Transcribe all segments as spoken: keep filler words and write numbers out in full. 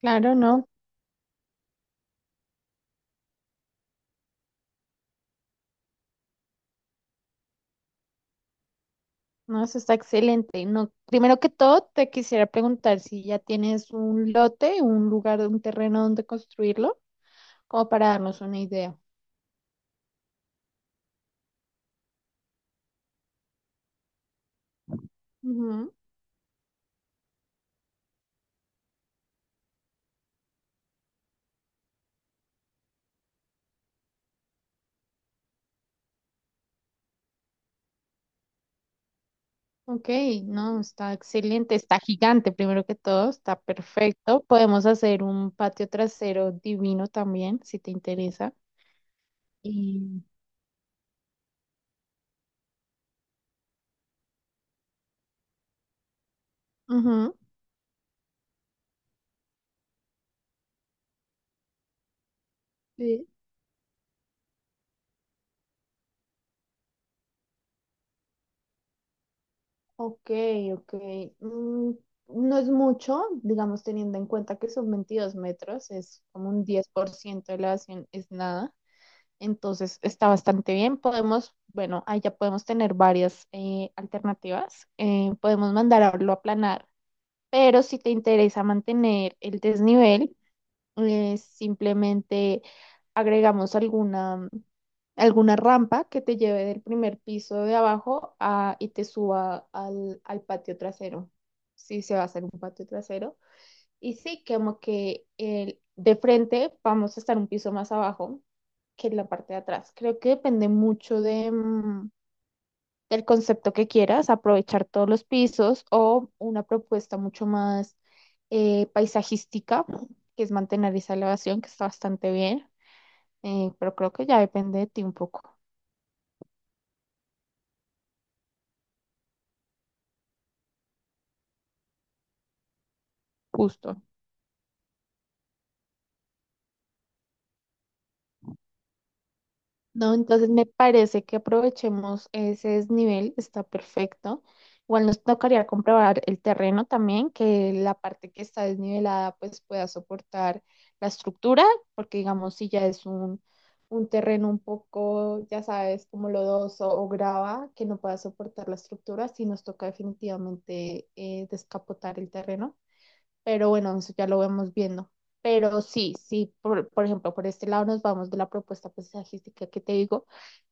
Claro, no, no, eso está excelente. No, primero que todo, te quisiera preguntar si ya tienes un lote, un lugar, un terreno donde construirlo, como para darnos una idea. Ujú. Ok, no, está excelente, está gigante, primero que todo, está perfecto. Podemos hacer un patio trasero divino también, si te interesa. Y, ujú. Sí. Ok, ok. Mm, no es mucho, digamos, teniendo en cuenta que son veintidós metros, es como un diez por ciento de la elevación, es nada. Entonces está bastante bien. Podemos, bueno, ahí ya podemos tener varias eh, alternativas. Eh, podemos mandarlo a aplanar, pero si te interesa mantener el desnivel, eh, simplemente agregamos alguna, alguna rampa que te lleve del primer piso de abajo a- y te suba al, al patio trasero. Sí, se va a hacer un patio trasero. Y sí, como que el, de frente vamos a estar un piso más abajo que en la parte de atrás. Creo que depende mucho de, mm, el concepto que quieras, aprovechar todos los pisos o una propuesta mucho más eh, paisajística, que es mantener esa elevación, que está bastante bien, eh, pero creo que ya depende de ti un poco, justo. No, entonces me parece que aprovechemos ese desnivel, está perfecto. Igual nos tocaría comprobar el terreno también, que la parte que está desnivelada pues pueda soportar la estructura, porque digamos si ya es un, un terreno un poco, ya sabes, como lodoso o grava, que no pueda soportar la estructura, sí nos toca definitivamente eh, descapotar el terreno. Pero bueno, eso ya lo vemos viendo. Pero sí, sí, por, por ejemplo, por este lado nos vamos de la propuesta paisajística que te digo.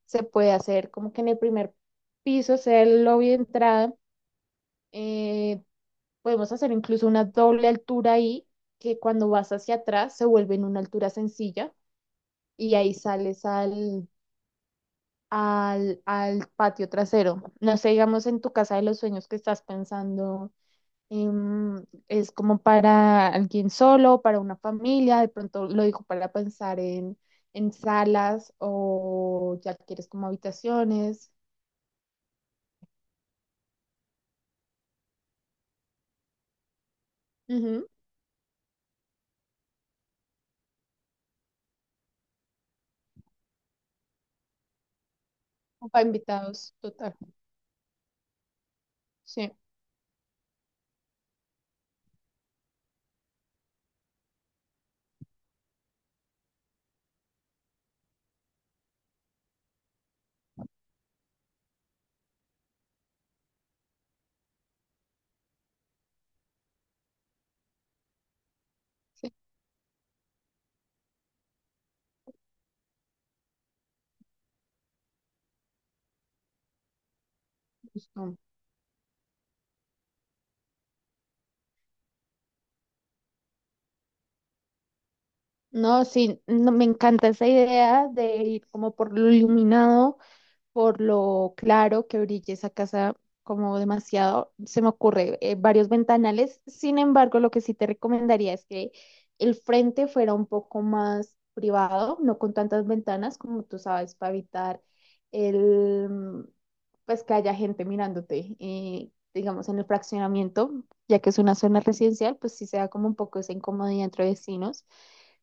Se puede hacer como que en el primer piso sea el lobby de entrada. eh, Podemos hacer incluso una doble altura ahí, que cuando vas hacia atrás se vuelve en una altura sencilla y ahí sales al, al, al patio trasero. No sé, digamos en tu casa de los sueños que estás pensando em, es como para alguien solo, para una familia, de pronto lo dijo para pensar en, en salas o ya quieres como habitaciones. Ujú. O para invitados, total. Sí, justo. No, sí, no, me encanta esa idea de ir como por lo iluminado por lo claro que brille esa casa como demasiado, se me ocurre eh, varios ventanales. Sin embargo, lo que sí te recomendaría es que el frente fuera un poco más privado, no con tantas ventanas como tú sabes, para evitar el, mm, pues que haya gente mirándote. Eh, digamos, en el fraccionamiento, ya que es una zona residencial, pues sí se da como un poco esa incomodidad entre vecinos.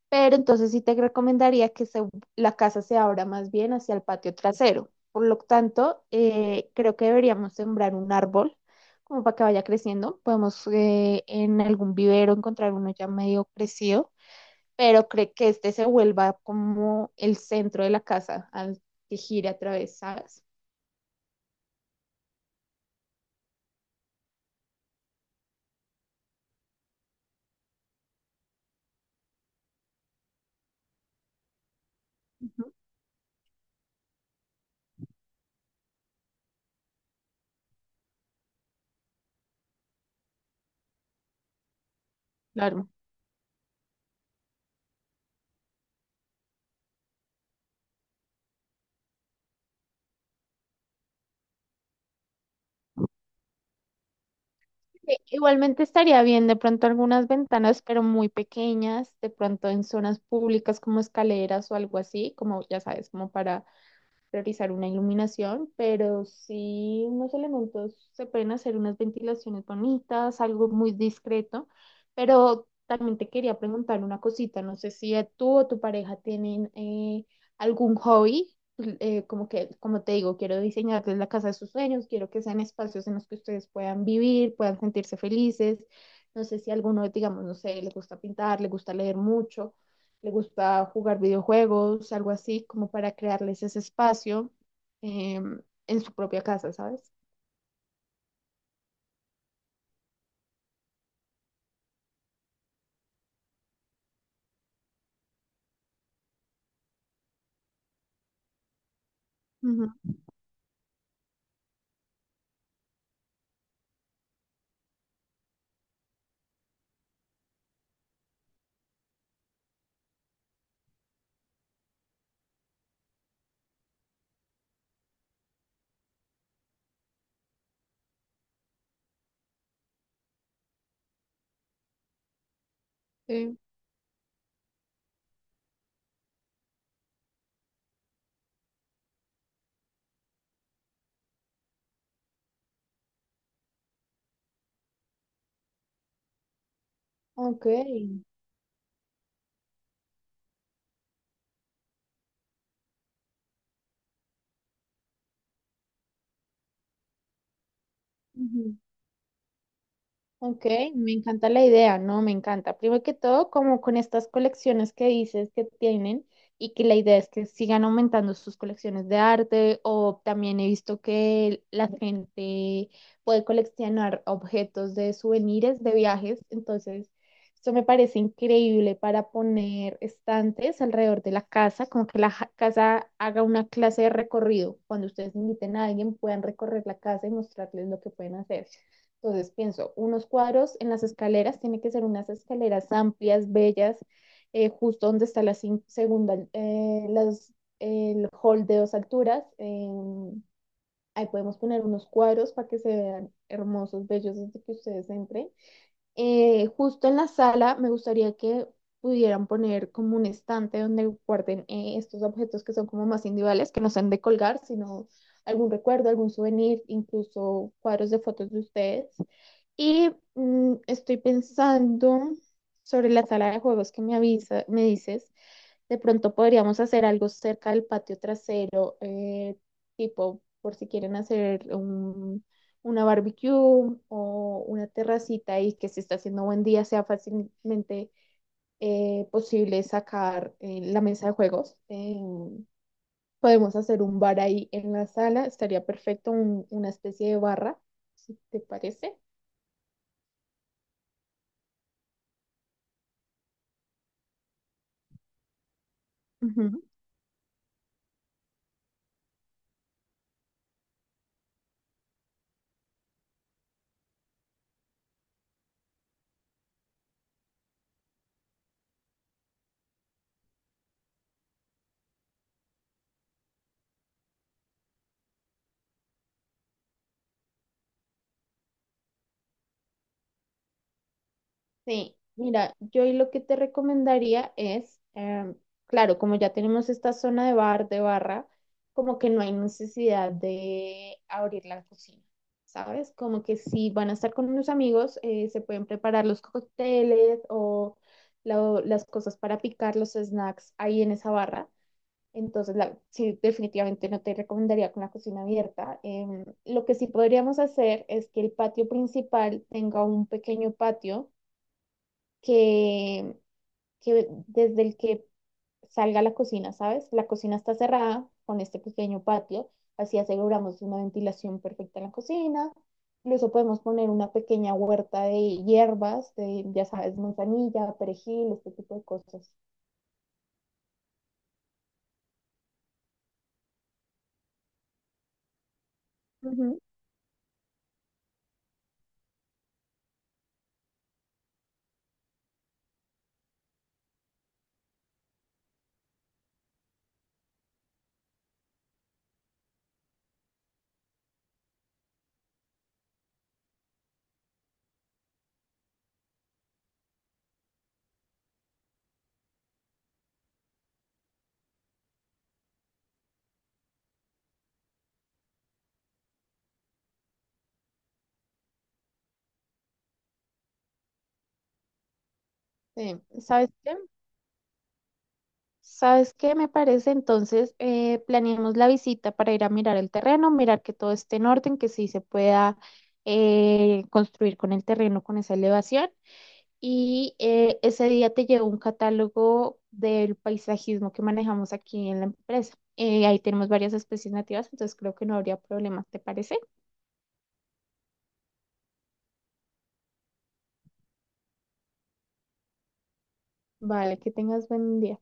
Pero entonces sí te recomendaría que se- la casa se abra más bien hacia el patio trasero. Por lo tanto, eh, creo que deberíamos sembrar un árbol como para que vaya creciendo. Podemos eh, en algún vivero encontrar uno ya medio crecido, pero creo que este se vuelva como el centro de la casa al que gire a través, ¿sabes? Ujú. Claro. Eh, Igualmente estaría bien de pronto algunas ventanas, pero muy pequeñas, de pronto en zonas públicas como escaleras o algo así, como ya sabes, como para realizar una iluminación, pero sí unos elementos, se pueden hacer unas ventilaciones bonitas, algo muy discreto, pero también te quería preguntar una cosita, no sé si tú o tu pareja tienen eh, algún hobby, eh, como que, como te digo, quiero diseñarles la casa de sus sueños, quiero que sean espacios en los que ustedes puedan vivir, puedan sentirse felices, no sé si alguno, digamos, no sé, le gusta pintar, le gusta leer mucho, le gusta jugar videojuegos, algo así, como para crearles ese espacio em, en su propia casa, ¿sabes? Ujú. Sí, ok. Ujú. Ok, me encanta la idea, ¿no? Me encanta. Primero que todo, como con estas colecciones que dices que tienen y que la idea es que sigan aumentando sus colecciones de arte o también he visto que la gente puede coleccionar objetos de souvenirs de viajes, entonces esto me parece increíble para poner estantes alrededor de la casa, como que la ja- casa haga una clase de recorrido. Cuando ustedes inviten a alguien, puedan recorrer la casa y mostrarles lo que pueden hacer. Entonces pienso, unos cuadros en las escaleras, tiene que ser unas escaleras amplias, bellas, eh, justo donde está la cin- segunda, eh, las, el hall de dos alturas. Em, ahí podemos poner unos cuadros para que se vean hermosos, bellos desde que ustedes entren. Eh, justo en la sala me gustaría que pudieran poner como un estante donde guarden eh, estos objetos que son como más individuales, que no sean de colgar, sino algún recuerdo, algún souvenir, incluso cuadros de fotos de ustedes. Y mm, estoy pensando sobre la sala de juegos que me avisa, me dices. De pronto podríamos hacer algo cerca del patio trasero, eh, tipo por si quieren hacer un- una barbecue o una terracita y que se está haciendo buen día, sea fácilmente eh, posible sacar eh, la mesa de juegos. Eh, podemos hacer un bar ahí en la sala, estaría perfecto, un- una especie de barra, si te parece. Sí, mira, yo y lo que te recomendaría es, em, claro, como ya tenemos esta zona de bar, de barra, como que no hay necesidad de abrir la cocina, ¿sabes? Como que si van a estar con unos amigos, eh, se pueden preparar los cócteles o la- las cosas para picar los snacks ahí en esa barra. Entonces, la- sí, definitivamente no te recomendaría con la cocina abierta. Em, lo que sí podríamos hacer es que el patio principal tenga un pequeño patio que, que desde el que salga la cocina, ¿sabes? La cocina está cerrada con este pequeño patio, así aseguramos una ventilación perfecta en la cocina. Incluso podemos poner una pequeña huerta de hierbas, de, ya sabes, manzanilla, perejil, este tipo de cosas. Ujú. Sí, ¿sabes qué? ¿Sabes qué me parece? Entonces, eh, planeemos la visita para ir a mirar el terreno, mirar que todo esté en orden, que sí se pueda eh, construir con el terreno, con esa elevación. Y eh, ese día te llegó un catálogo del paisajismo que manejamos aquí en la empresa. Eh, ahí tenemos varias especies nativas, entonces creo que no habría problema, ¿te parece? Vale, que tengas buen día.